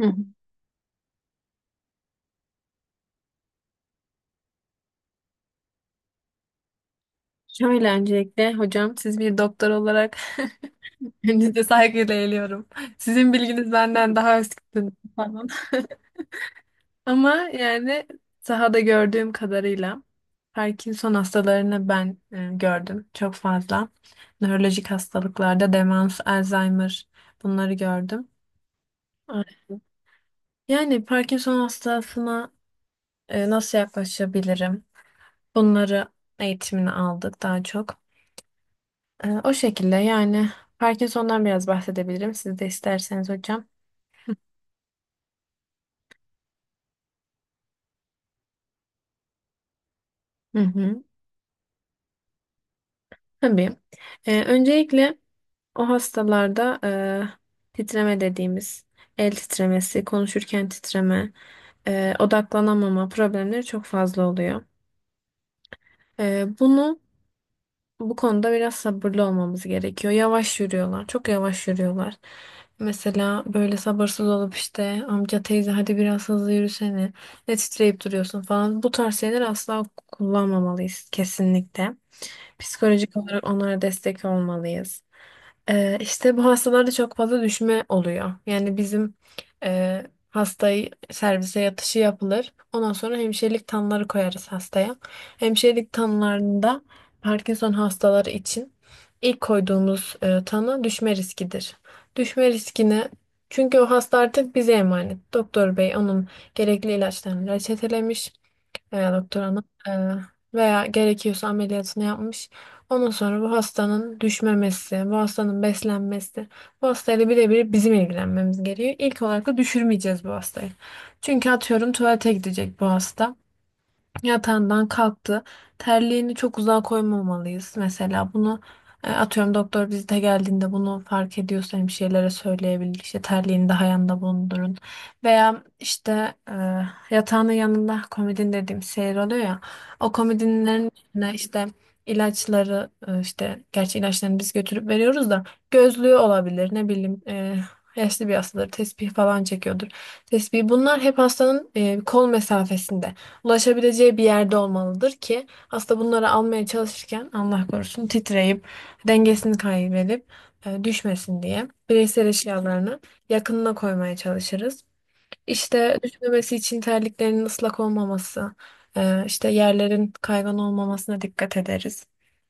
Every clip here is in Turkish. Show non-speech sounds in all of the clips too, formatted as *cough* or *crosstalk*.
Hı hı. Şöyle öncelikle hocam, siz bir doktor olarak *laughs* önünüze saygıyla eğiliyorum. Sizin bilginiz benden daha üstün falan. *laughs* Ama yani sahada gördüğüm kadarıyla Parkinson hastalarını ben gördüm çok fazla. Nörolojik hastalıklarda demans, Alzheimer bunları gördüm. Evet. Yani Parkinson hastasına nasıl yaklaşabilirim? Bunları eğitimini aldık daha çok. O şekilde yani Parkinson'dan biraz bahsedebilirim. Siz de isterseniz hocam. Hı hı. Tabii. Öncelikle o hastalarda titreme dediğimiz el titremesi, konuşurken titreme, odaklanamama problemleri çok fazla oluyor. E, bunu Bu konuda biraz sabırlı olmamız gerekiyor. Yavaş yürüyorlar. Çok yavaş yürüyorlar. Mesela böyle sabırsız olup işte, amca teyze hadi biraz hızlı yürüsene. Ne titreyip duruyorsun falan. Bu tarz şeyler asla kullanmamalıyız kesinlikle. Psikolojik olarak onlara destek olmalıyız. İşte bu hastalarda çok fazla düşme oluyor. Yani bizim e, hastayı servise yatışı yapılır. Ondan sonra hemşirelik tanıları koyarız hastaya. Hemşirelik tanılarında Parkinson hastaları için ilk koyduğumuz tanı düşme riskidir. Düşme riskine, çünkü o hasta artık bize emanet. Doktor bey onun gerekli ilaçlarını reçetelemiş veya doktor hanım veya gerekiyorsa ameliyatını yapmış. Ondan sonra bu hastanın düşmemesi, bu hastanın beslenmesi, bu hastayla birebir bizim ilgilenmemiz gerekiyor. İlk olarak da düşürmeyeceğiz bu hastayı. Çünkü atıyorum tuvalete gidecek bu hasta, yatağından kalktı. Terliğini çok uzağa koymamalıyız mesela. Atıyorum doktor vizite geldiğinde bunu fark ediyorsa hemşirelere söyleyebilir. İşte terliğini daha yanında bulundurun. Veya işte yatağının yanında komodin dediğim şey oluyor ya. O komodinlerin içine işte ilaçları, işte gerçi ilaçlarını biz götürüp veriyoruz da, gözlüğü olabilir, ne bileyim, yaşlı bir hastadır tesbih falan çekiyordur. Tesbih, bunlar hep hastanın kol mesafesinde ulaşabileceği bir yerde olmalıdır ki aslında bunları almaya çalışırken Allah korusun titreyip dengesini kaybedip düşmesin diye bireysel eşyalarını yakınına koymaya çalışırız. İşte düşmemesi için terliklerin ıslak olmaması, işte yerlerin kaygan olmamasına dikkat ederiz.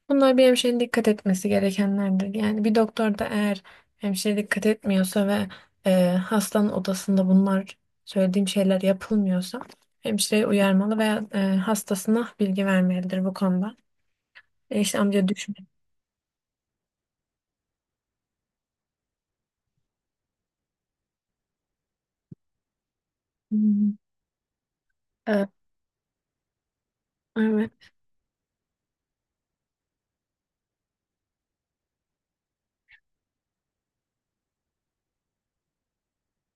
Bunlar bir hemşirenin dikkat etmesi gerekenlerdir. Yani bir doktor da eğer hemşire dikkat etmiyorsa ve hastanın odasında bunlar, söylediğim şeyler yapılmıyorsa hemşireyi uyarmalı veya hastasına bilgi vermelidir bu konuda. E, işte amca düşme. Hmm. E, Evet.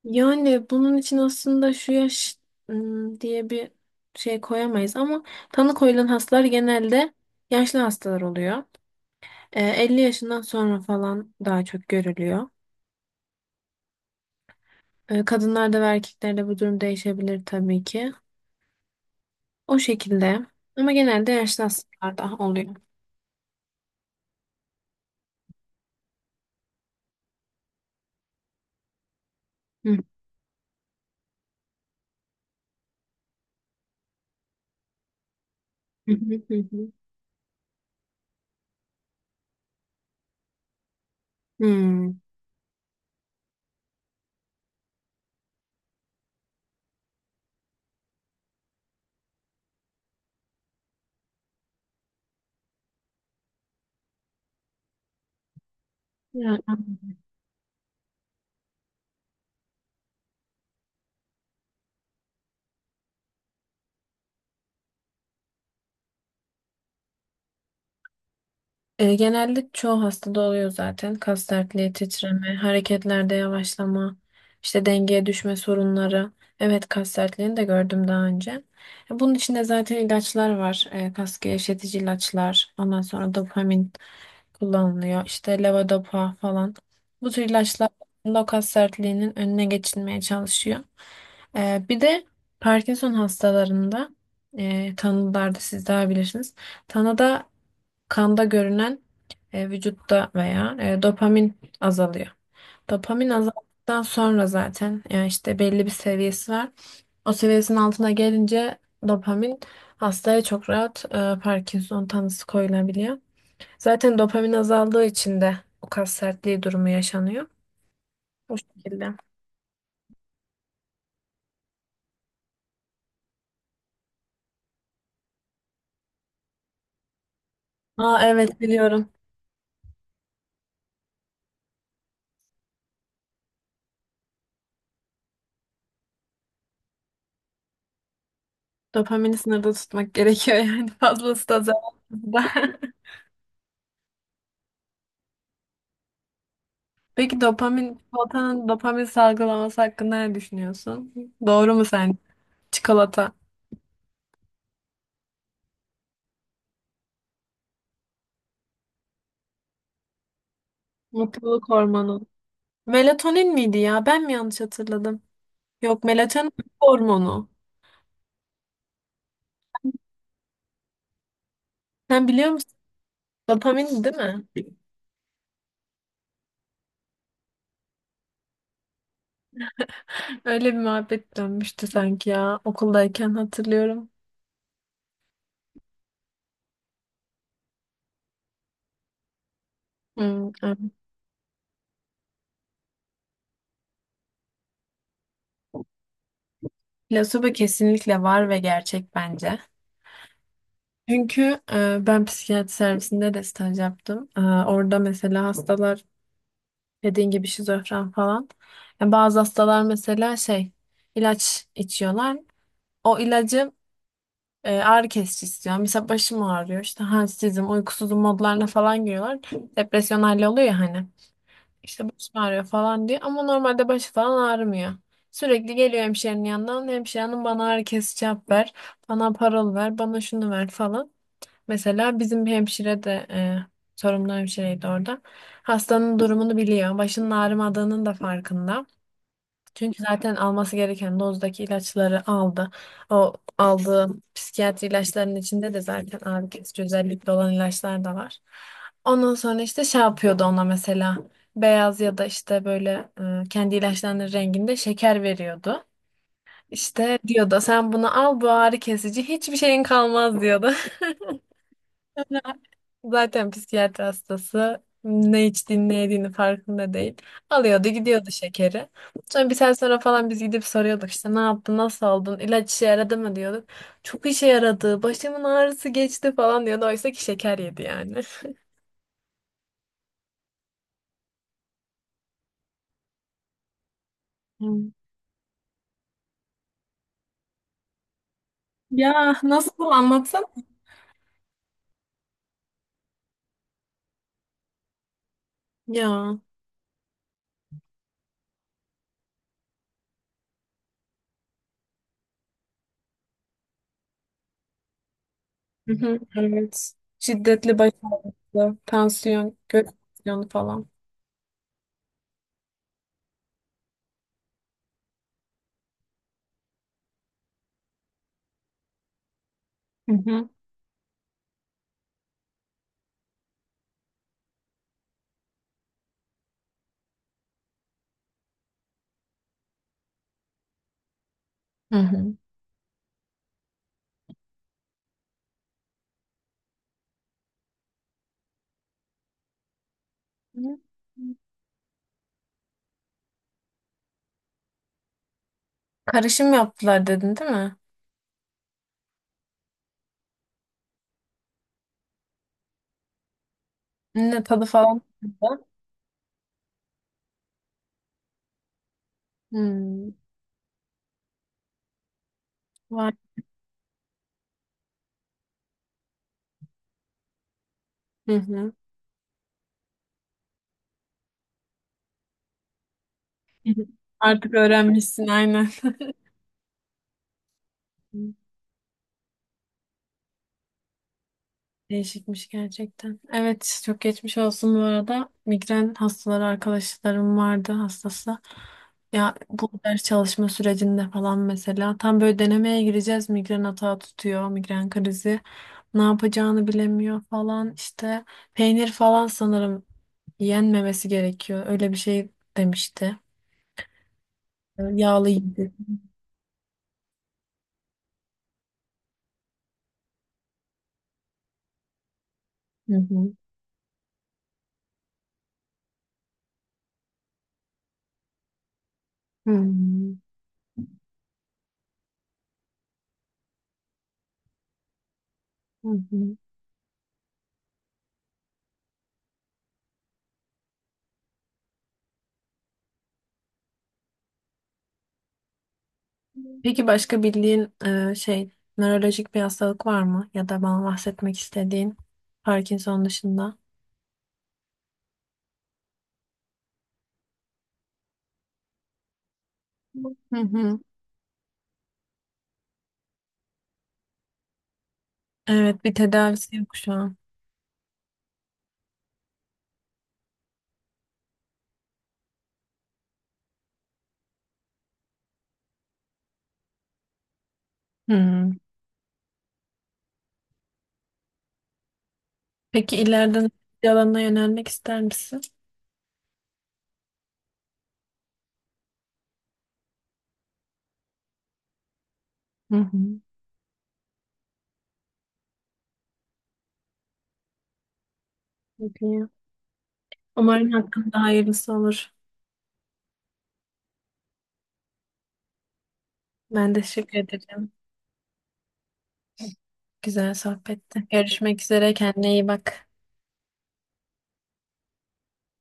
Yani bunun için aslında şu yaş, diye bir şey koyamayız, ama tanı koyulan hastalar genelde yaşlı hastalar oluyor. 50 yaşından sonra falan daha çok görülüyor. Kadınlarda ve erkeklerde bu durum değişebilir tabii ki. O şekilde, ama genelde yaşlı hastalarda oluyor. Hı hı hı hı. Hı. Hmm. Yani genelde çoğu hastada oluyor zaten. Kas sertliği, titreme, hareketlerde yavaşlama, işte dengeye düşme sorunları. Evet, kas sertliğini de gördüm daha önce. E, bunun içinde zaten ilaçlar var. E, kas gevşetici ilaçlar. Ondan sonra dopamin kullanılıyor. İşte levodopa falan. Bu tür ilaçlar aslında o kas sertliğinin önüne geçilmeye çalışıyor. E, bir de Parkinson hastalarında tanılarda siz daha bilirsiniz. Tanıda, kanda görünen, vücutta veya dopamin azalıyor. Dopamin azaldıktan sonra zaten, yani işte belli bir seviyesi var. O seviyesinin altına gelince dopamin, hastaya çok rahat Parkinson tanısı koyulabiliyor. Zaten dopamin azaldığı için de o kas sertliği durumu yaşanıyor. Bu şekilde. Aa evet, biliyorum. Dopamini sınırda tutmak gerekiyor yani *laughs* fazlası da zararlı da. *laughs* Peki dopamin, çikolatanın dopamin salgılaması hakkında ne düşünüyorsun? Doğru mu sence? Çikolata. Mutluluk hormonu. Melatonin miydi ya? Ben mi yanlış hatırladım? Yok, melatonin hormonu. Sen biliyor musun? Dopamin değil mi? Öyle bir muhabbet dönmüştü sanki ya, okuldayken hatırlıyorum. Hmm, evet. Plasebo kesinlikle var ve gerçek bence. Çünkü ben psikiyatri servisinde de staj yaptım. E, orada mesela hastalar, dediğin gibi şizofren falan. Yani bazı hastalar mesela şey, ilaç içiyorlar. O ilacı, ağrı kesici istiyor. Mesela başım ağrıyor. İşte halsizim, uykusuzum modlarına falan giriyorlar. Depresyon hali oluyor ya hani. İşte başım ağrıyor falan diye. Ama normalde başı falan ağrımıyor. Sürekli geliyor hemşirenin yanından. Hemşirenin bana ağrı kesici yap ver. Bana parol ver. Bana şunu ver falan. Mesela bizim bir hemşire de sorumlu hemşireydi orada. Hastanın durumunu biliyor. Başının ağrımadığının da farkında. Çünkü zaten alması gereken dozdaki ilaçları aldı. O aldığı psikiyatri ilaçlarının içinde de zaten ağrı kesici özellikle olan ilaçlar da var. Ondan sonra işte şey yapıyordu ona mesela. Beyaz ya da işte böyle kendi ilaçlarının renginde şeker veriyordu. İşte diyordu sen bunu al bu ağrı kesici, hiçbir şeyin kalmaz diyordu. Zaten psikiyatri hastası ne içtiğini ne yediğini farkında değil. Alıyordu gidiyordu şekeri. Sonra bir sene sonra falan biz gidip soruyorduk işte ne yaptın, nasıl oldun, ilaç işe yaradı mı diyorduk. Çok işe yaradı, başımın ağrısı geçti falan diyordu. Oysa ki şeker yedi yani. Hmm. Ya nasıl, anlatsana? Ya. Hı hı, evet. Şiddetli baş ağrısı, tansiyon, göğüs tansiyonu falan. Hı hı. Hı hı. Karışım yaptılar dedin değil mi? Ne tadı falan. Hmm, var. Hı hı. Artık öğrenmişsin, aynen. Hı. Değişikmiş gerçekten. Evet, çok geçmiş olsun bu arada. Migren hastaları arkadaşlarım vardı hastası. Ya bu ders çalışma sürecinde falan mesela tam böyle denemeye gireceğiz, migren atağı tutuyor, migren krizi. Ne yapacağını bilemiyor falan işte. Peynir falan sanırım yenmemesi gerekiyor. Öyle bir şey demişti. Yağlı yedi. Hı hı. Hı hı. Hı hı. Peki başka bildiğin e, şey nörolojik bir hastalık var mı? Ya da bana bahsetmek istediğin Parkinson dışında. Hı hı. Evet, bir tedavisi yok şu an. Hı. Peki ileride hangi alana yönelmek ister misin? Hı hı. Peki. Umarım hakkında hayırlısı olur. Ben de teşekkür ederim. Güzel sohbetti. Görüşmek üzere. Kendine iyi bak.